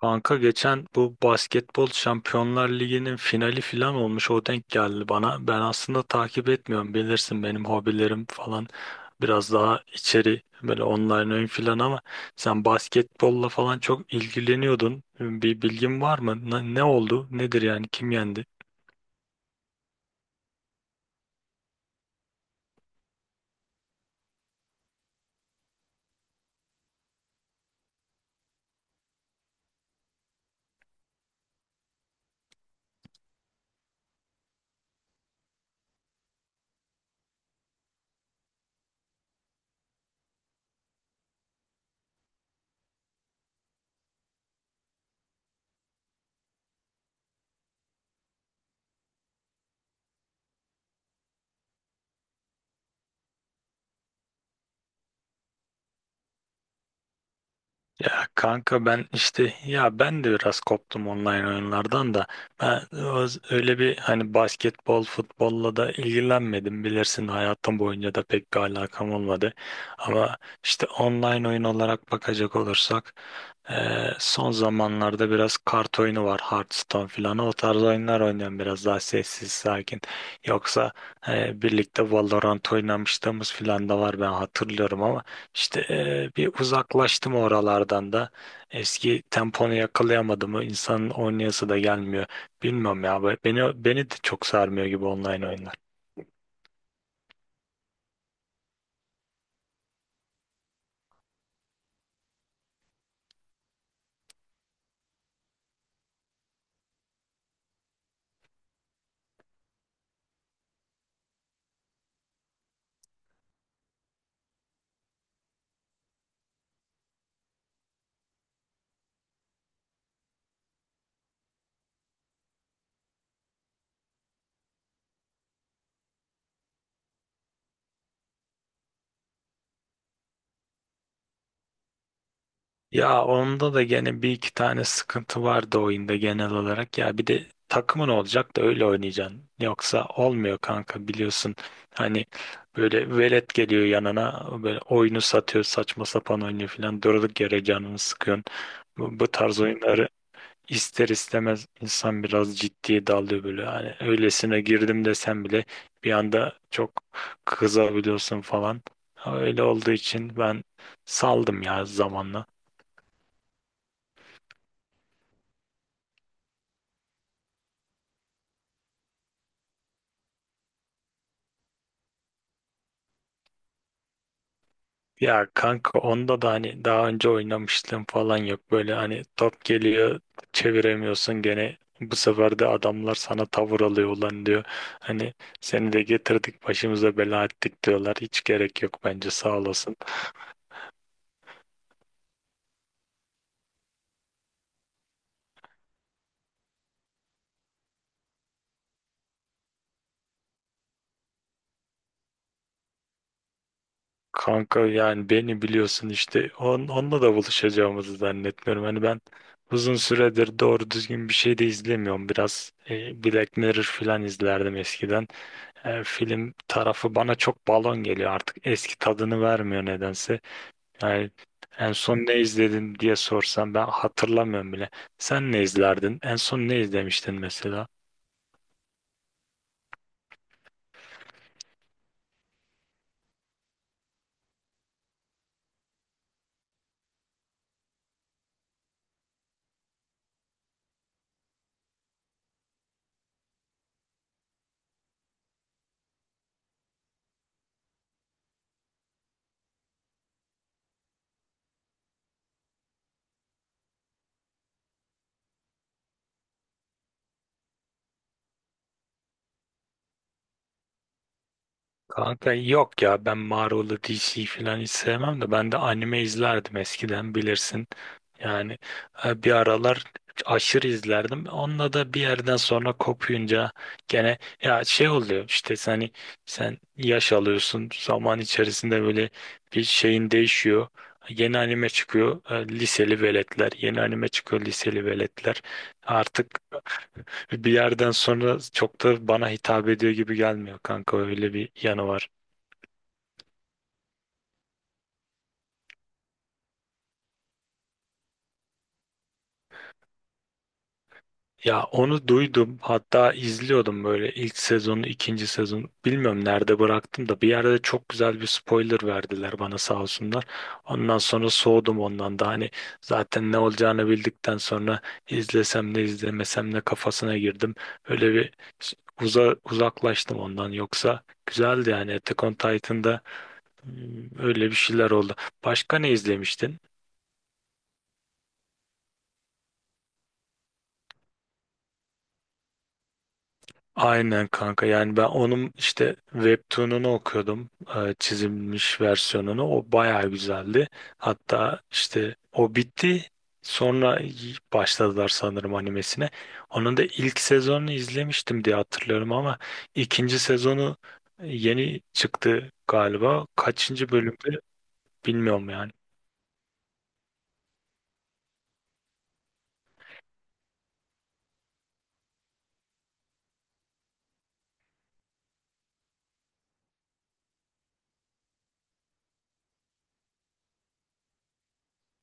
Kanka geçen bu basketbol Şampiyonlar Ligi'nin finali filan olmuş, o denk geldi bana. Ben aslında takip etmiyorum, bilirsin benim hobilerim falan biraz daha içeri, böyle online oyun filan, ama sen basketbolla falan çok ilgileniyordun. Bir bilgin var mı? Ne oldu? Nedir yani? Kim yendi? Ya kanka, ben işte, ya ben de biraz koptum online oyunlardan da, ben öyle bir, hani basketbol futbolla da ilgilenmedim, bilirsin hayatım boyunca da pek bir alakam olmadı, ama işte online oyun olarak bakacak olursak, son zamanlarda biraz kart oyunu var. Hearthstone filan. O tarz oyunlar oynuyorum, biraz daha sessiz, sakin. Yoksa birlikte Valorant oynamışlığımız filan da var, ben hatırlıyorum, ama işte bir uzaklaştım oralardan da. Eski temponu yakalayamadım. O insanın oynayası da gelmiyor. Bilmiyorum ya. Beni de çok sarmıyor gibi online oyunlar. Ya onda da gene bir iki tane sıkıntı vardı oyunda genel olarak. Ya bir de takımın olacak da öyle oynayacaksın. Yoksa olmuyor kanka, biliyorsun. Hani böyle velet geliyor yanına, böyle oyunu satıyor, saçma sapan oynuyor falan. Durduk yere canını sıkıyorsun. Bu tarz oyunları ister istemez insan biraz ciddiye dalıyor böyle. Yani öylesine girdim desem bile, bir anda çok kızabiliyorsun falan. Öyle olduğu için ben saldım ya zamanla. Ya kanka, onda da hani daha önce oynamışlığım falan yok. Böyle hani top geliyor, çeviremiyorsun, gene bu sefer de adamlar sana tavır alıyor, ulan diyor. Hani seni de getirdik başımıza bela ettik diyorlar. Hiç gerek yok, bence sağ olasın. Kanka yani beni biliyorsun, işte onunla da buluşacağımızı zannetmiyorum. Hani ben uzun süredir doğru düzgün bir şey de izlemiyorum. Biraz Black Mirror falan izlerdim eskiden. Film tarafı bana çok balon geliyor artık. Eski tadını vermiyor nedense. Yani en son ne izledin diye sorsam ben hatırlamıyorum bile. Sen ne izlerdin? En son ne izlemiştin mesela? Kanka yok ya, ben Marvel'ı, DC falan hiç sevmem de, ben de anime izlerdim eskiden, bilirsin. Yani bir aralar aşırı izlerdim. Onunla da bir yerden sonra kopuyunca gene ya şey oluyor işte, hani sen yaş alıyorsun zaman içerisinde, böyle bir şeyin değişiyor. Yeni anime çıkıyor, liseli veletler, yeni anime çıkıyor liseli veletler, artık bir yerden sonra çok da bana hitap ediyor gibi gelmiyor kanka, öyle bir yanı var. Ya onu duydum. Hatta izliyordum böyle ilk sezonu, ikinci sezon. Bilmiyorum nerede bıraktım da, bir yerde çok güzel bir spoiler verdiler bana, sağ olsunlar. Ondan sonra soğudum ondan da. Hani zaten ne olacağını bildikten sonra izlesem ne izlemesem ne kafasına girdim. Öyle bir uzaklaştım ondan. Yoksa güzeldi yani Attack on Titan'da öyle bir şeyler oldu. Başka ne izlemiştin? Aynen kanka, yani ben onun işte webtoon'unu okuyordum, çizilmiş versiyonunu, o bayağı güzeldi, hatta işte o bitti, sonra başladılar sanırım animesine, onun da ilk sezonunu izlemiştim diye hatırlıyorum, ama ikinci sezonu yeni çıktı galiba, kaçıncı bölümde bilmiyorum yani.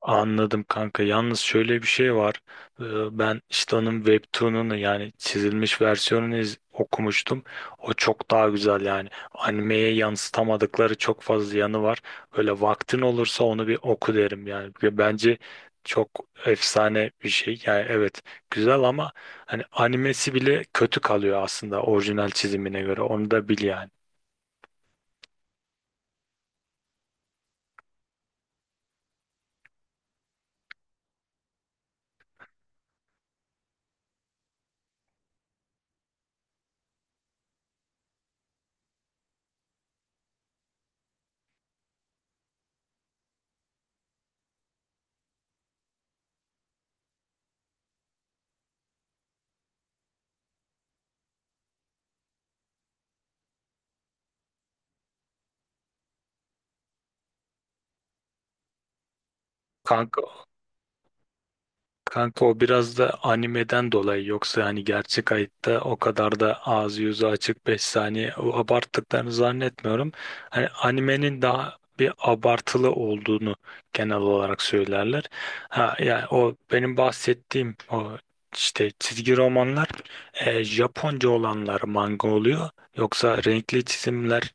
Anladım kanka. Yalnız şöyle bir şey var. Ee, Ben işte onun webtoon'unu, yani çizilmiş versiyonunu okumuştum. O çok daha güzel yani. Animeye yansıtamadıkları çok fazla yanı var. Böyle vaktin olursa onu bir oku derim yani. Ve bence çok efsane bir şey. Yani evet, güzel ama hani animesi bile kötü kalıyor aslında orijinal çizimine göre. Onu da bil yani. Kanka Kanka, o biraz da animeden dolayı, yoksa hani gerçek hayatta o kadar da ağzı yüzü açık 5 saniye o abarttıklarını zannetmiyorum. Hani animenin daha bir abartılı olduğunu genel olarak söylerler. Ha yani o benim bahsettiğim o işte çizgi romanlar, Japonca olanlar manga oluyor. Yoksa renkli çizimler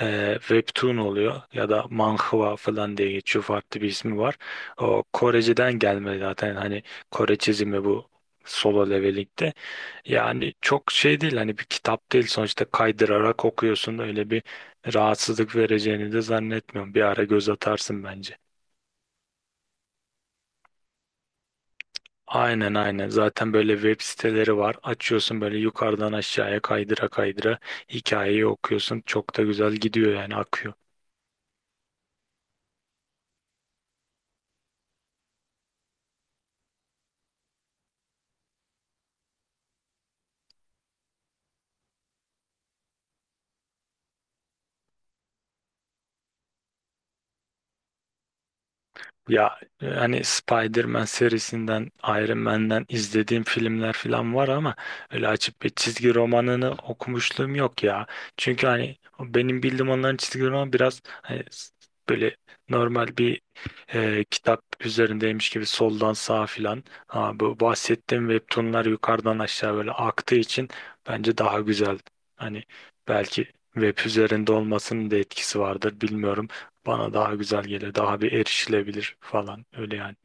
webtoon oluyor ya da manhwa falan diye geçiyor, farklı bir ismi var. O Koreceden gelme zaten, hani Kore çizimi bu Solo Leveling'de. Yani çok şey değil, hani bir kitap değil sonuçta, kaydırarak okuyorsun, öyle bir rahatsızlık vereceğini de zannetmiyorum. Bir ara göz atarsın bence. Aynen, aynen, zaten böyle web siteleri var, açıyorsun böyle yukarıdan aşağıya kaydıra kaydıra hikayeyi okuyorsun, çok da güzel gidiyor yani, akıyor. Ya hani Spider-Man serisinden, Iron Man'den izlediğim filmler falan var ama öyle açıp bir çizgi romanını okumuşluğum yok ya. Çünkü hani benim bildiğim onların çizgi romanı biraz hani böyle normal bir kitap üzerindeymiş gibi, soldan sağa filan. Ha, bu bahsettiğim webtoonlar yukarıdan aşağı böyle aktığı için bence daha güzel. Hani belki web üzerinde olmasının da etkisi vardır, bilmiyorum. Bana daha güzel gelir, daha bir erişilebilir falan, öyle yani.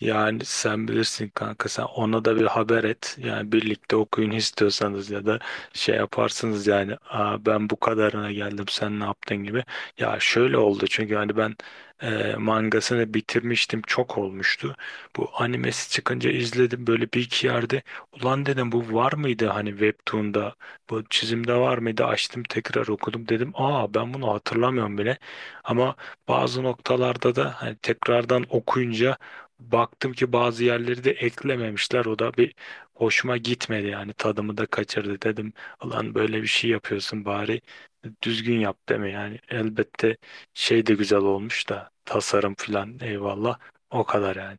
Yani sen bilirsin kanka, sen ona da bir haber et. Yani birlikte okuyun istiyorsanız, ya da şey yaparsınız yani, aa, ben bu kadarına geldim sen ne yaptın gibi. Ya şöyle oldu, çünkü hani ben mangasını bitirmiştim, çok olmuştu. Bu animesi çıkınca izledim böyle bir iki yerde. Ulan dedim, bu var mıydı hani webtoon'da, bu çizimde var mıydı, açtım tekrar okudum, dedim aa, ben bunu hatırlamıyorum bile, ama bazı noktalarda da hani tekrardan okuyunca baktım ki bazı yerleri de eklememişler. O da bir hoşuma gitmedi yani, tadımı da kaçırdı dedim. Ulan böyle bir şey yapıyorsun, bari düzgün yap deme yani. Elbette şey de güzel olmuş da, tasarım filan eyvallah, o kadar yani.